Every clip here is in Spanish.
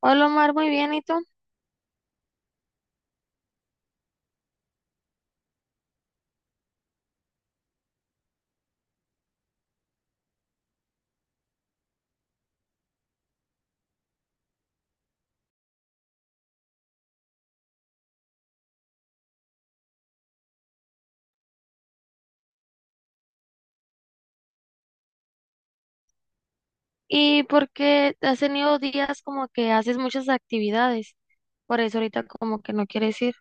Hola Omar, muy bien, ¿y tú? ¿Y por qué has tenido días como que haces muchas actividades? Por eso ahorita como que no quieres ir.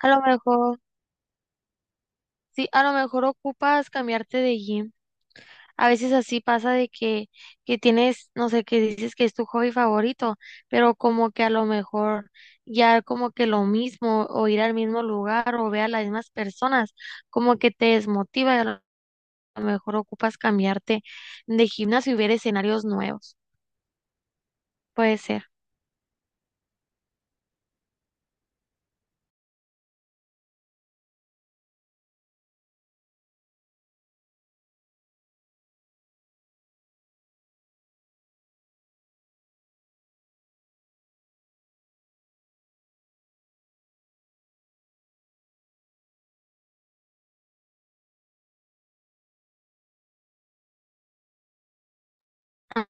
A lo mejor, sí, a lo mejor ocupas cambiarte de gym. A veces así pasa de que tienes, no sé, que dices que es tu hobby favorito, pero como que a lo mejor ya como que lo mismo o ir al mismo lugar o ver a las mismas personas, como que te desmotiva y a lo mejor ocupas cambiarte de gimnasio y ver escenarios nuevos. Puede ser.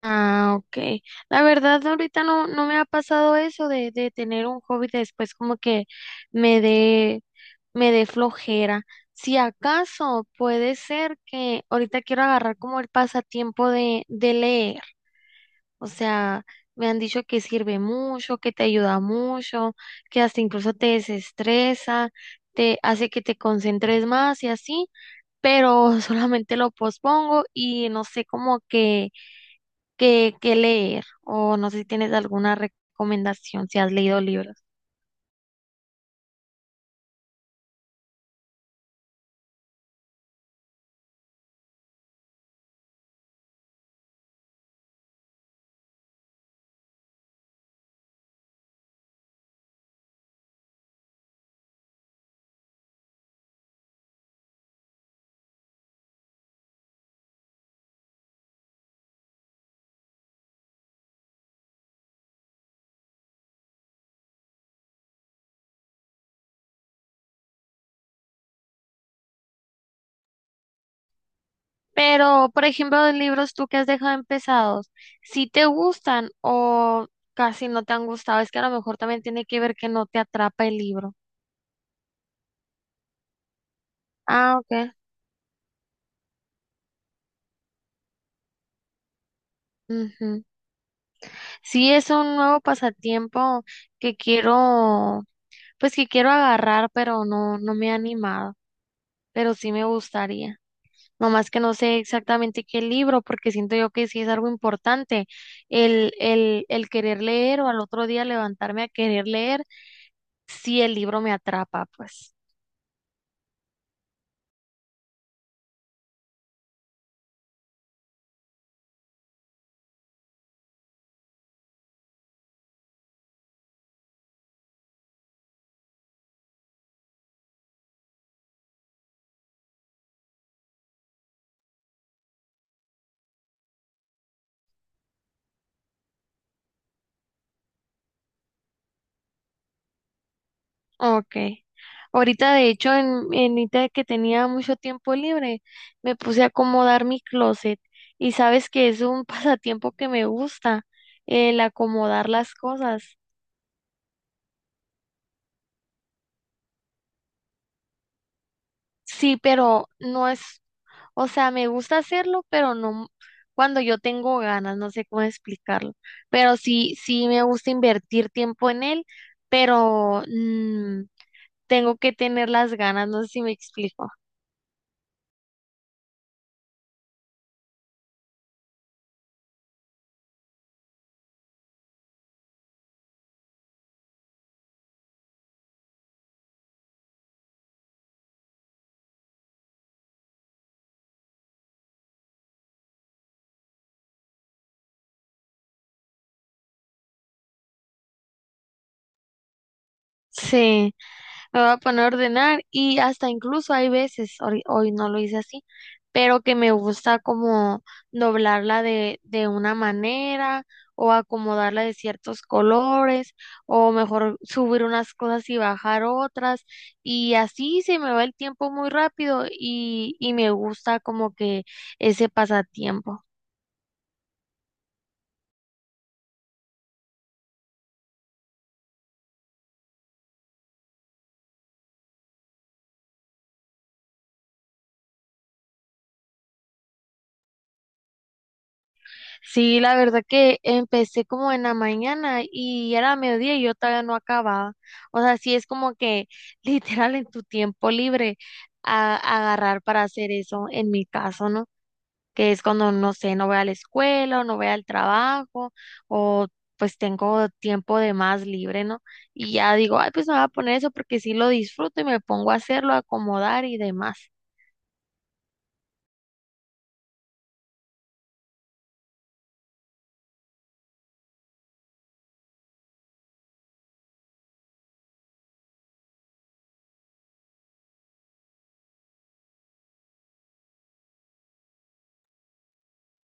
Ah, ok. La verdad, ahorita no, no me ha pasado eso de tener un hobby después como que me dé, me dé flojera. Si acaso puede ser que ahorita quiero agarrar como el pasatiempo de leer. O sea, me han dicho que sirve mucho, que te ayuda mucho, que hasta incluso te desestresa, te hace que te concentres más y así, pero solamente lo pospongo y no sé como que que leer o no sé si tienes alguna recomendación si has leído libros. Pero, por ejemplo, de libros tú que has dejado empezados, si te gustan o casi no te han gustado, es que a lo mejor también tiene que ver que no te atrapa el libro. Ah, ok. Ujú. Sí, es un nuevo pasatiempo que quiero, pues que quiero agarrar, pero no, no me he animado, pero sí me gustaría. Nomás que no sé exactamente qué libro, porque siento yo que sí es algo importante. El querer leer o al otro día levantarme a querer leer, si el libro me atrapa, pues. Ok. Ahorita, de hecho, en ahorita que tenía mucho tiempo libre, me puse a acomodar mi closet. Y sabes que es un pasatiempo que me gusta, el acomodar las cosas. Sí, pero no es. O sea, me gusta hacerlo, pero no cuando yo tengo ganas, no sé cómo explicarlo. Pero sí, sí me gusta invertir tiempo en él, pero tengo que tener las ganas, no sé si me explico. Sí. Me voy a poner a ordenar y hasta incluso hay veces, hoy, hoy no lo hice así, pero que me gusta como doblarla de una manera o acomodarla de ciertos colores o mejor subir unas cosas y bajar otras y así se me va el tiempo muy rápido y me gusta como que ese pasatiempo. Sí, la verdad que empecé como en la mañana y era mediodía y yo todavía no acababa. O sea, sí es como que literal en tu tiempo libre a, agarrar para hacer eso en mi caso, ¿no? Que es cuando, no sé, no voy a la escuela o no voy al trabajo o pues tengo tiempo de más libre, ¿no? Y ya digo, ay, pues me voy a poner eso porque sí lo disfruto y me pongo a hacerlo, a acomodar y demás.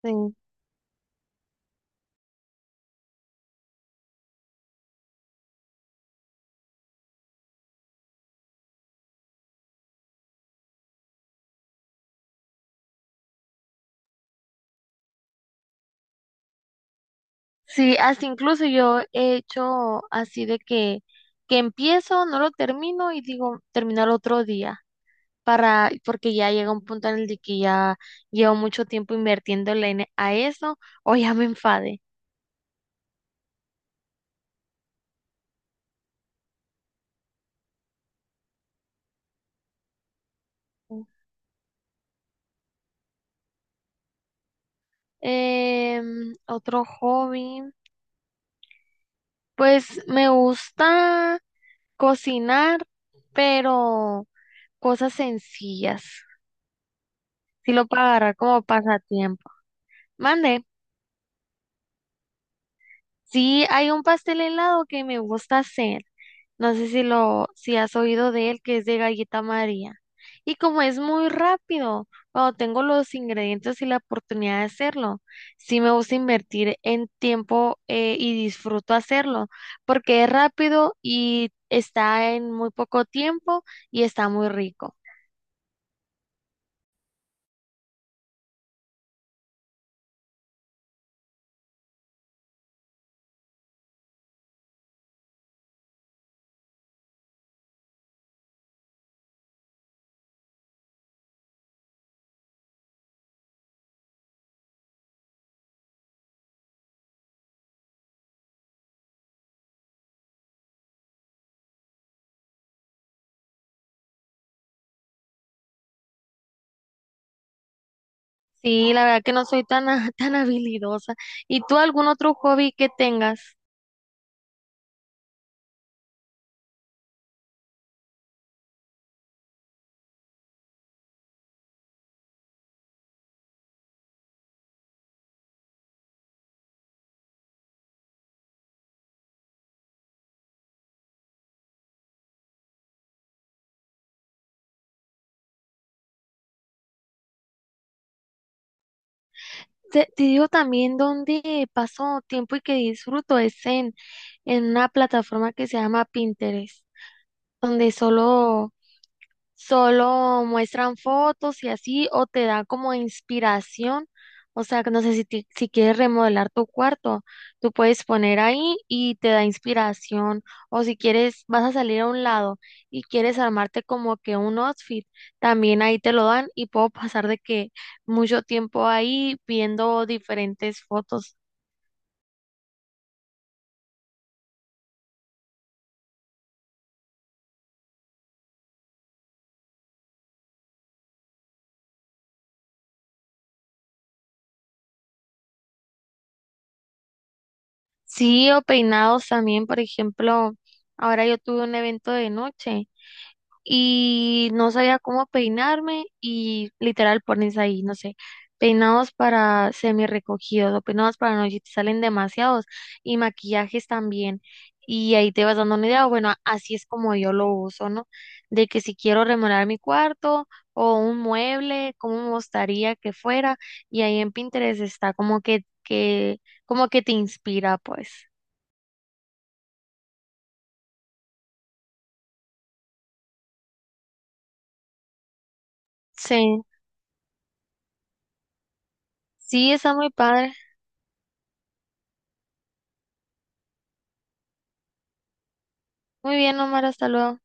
Sí. Sí, hasta incluso yo he hecho así de que empiezo, no lo termino y digo terminar otro día para, porque ya llega un punto en el de que ya llevo mucho tiempo invirtiéndole en- a eso o ya me enfade. Otro hobby, pues me gusta cocinar, pero cosas sencillas. Si lo puedo agarrar como pasatiempo. Mande. Sí, hay un pastel helado que me gusta hacer. No sé si lo, si has oído de él, que es de galleta María. Y como es muy rápido, cuando tengo los ingredientes y la oportunidad de hacerlo, sí me gusta invertir en tiempo y disfruto hacerlo, porque es rápido y está en muy poco tiempo y está muy rico. Sí, la verdad que no soy tan, a- tan habilidosa. ¿Y tú algún otro hobby que tengas? Te digo también donde paso tiempo y que disfruto es en una plataforma que se llama Pinterest, donde solo muestran fotos y así, o te da como inspiración. O sea, que no sé si, ti- si quieres remodelar tu cuarto, tú puedes poner ahí y te da inspiración. O si quieres, vas a salir a un lado y quieres armarte como que un outfit, también ahí te lo dan y puedo pasar de que mucho tiempo ahí viendo diferentes fotos. Sí, o peinados también, por ejemplo, ahora yo tuve un evento de noche. Y no sabía cómo peinarme y literal pones ahí, no sé, peinados para semi recogidos o peinados para noche, te salen demasiados y maquillajes también. Y ahí te vas dando una idea, bueno, así es como yo lo uso, ¿no? De que si quiero remodelar mi cuarto o un mueble, cómo me gustaría que fuera, y ahí en Pinterest está como que, como que te inspira, pues. Sí, sí, está muy padre. Muy bien, Omar, hasta luego.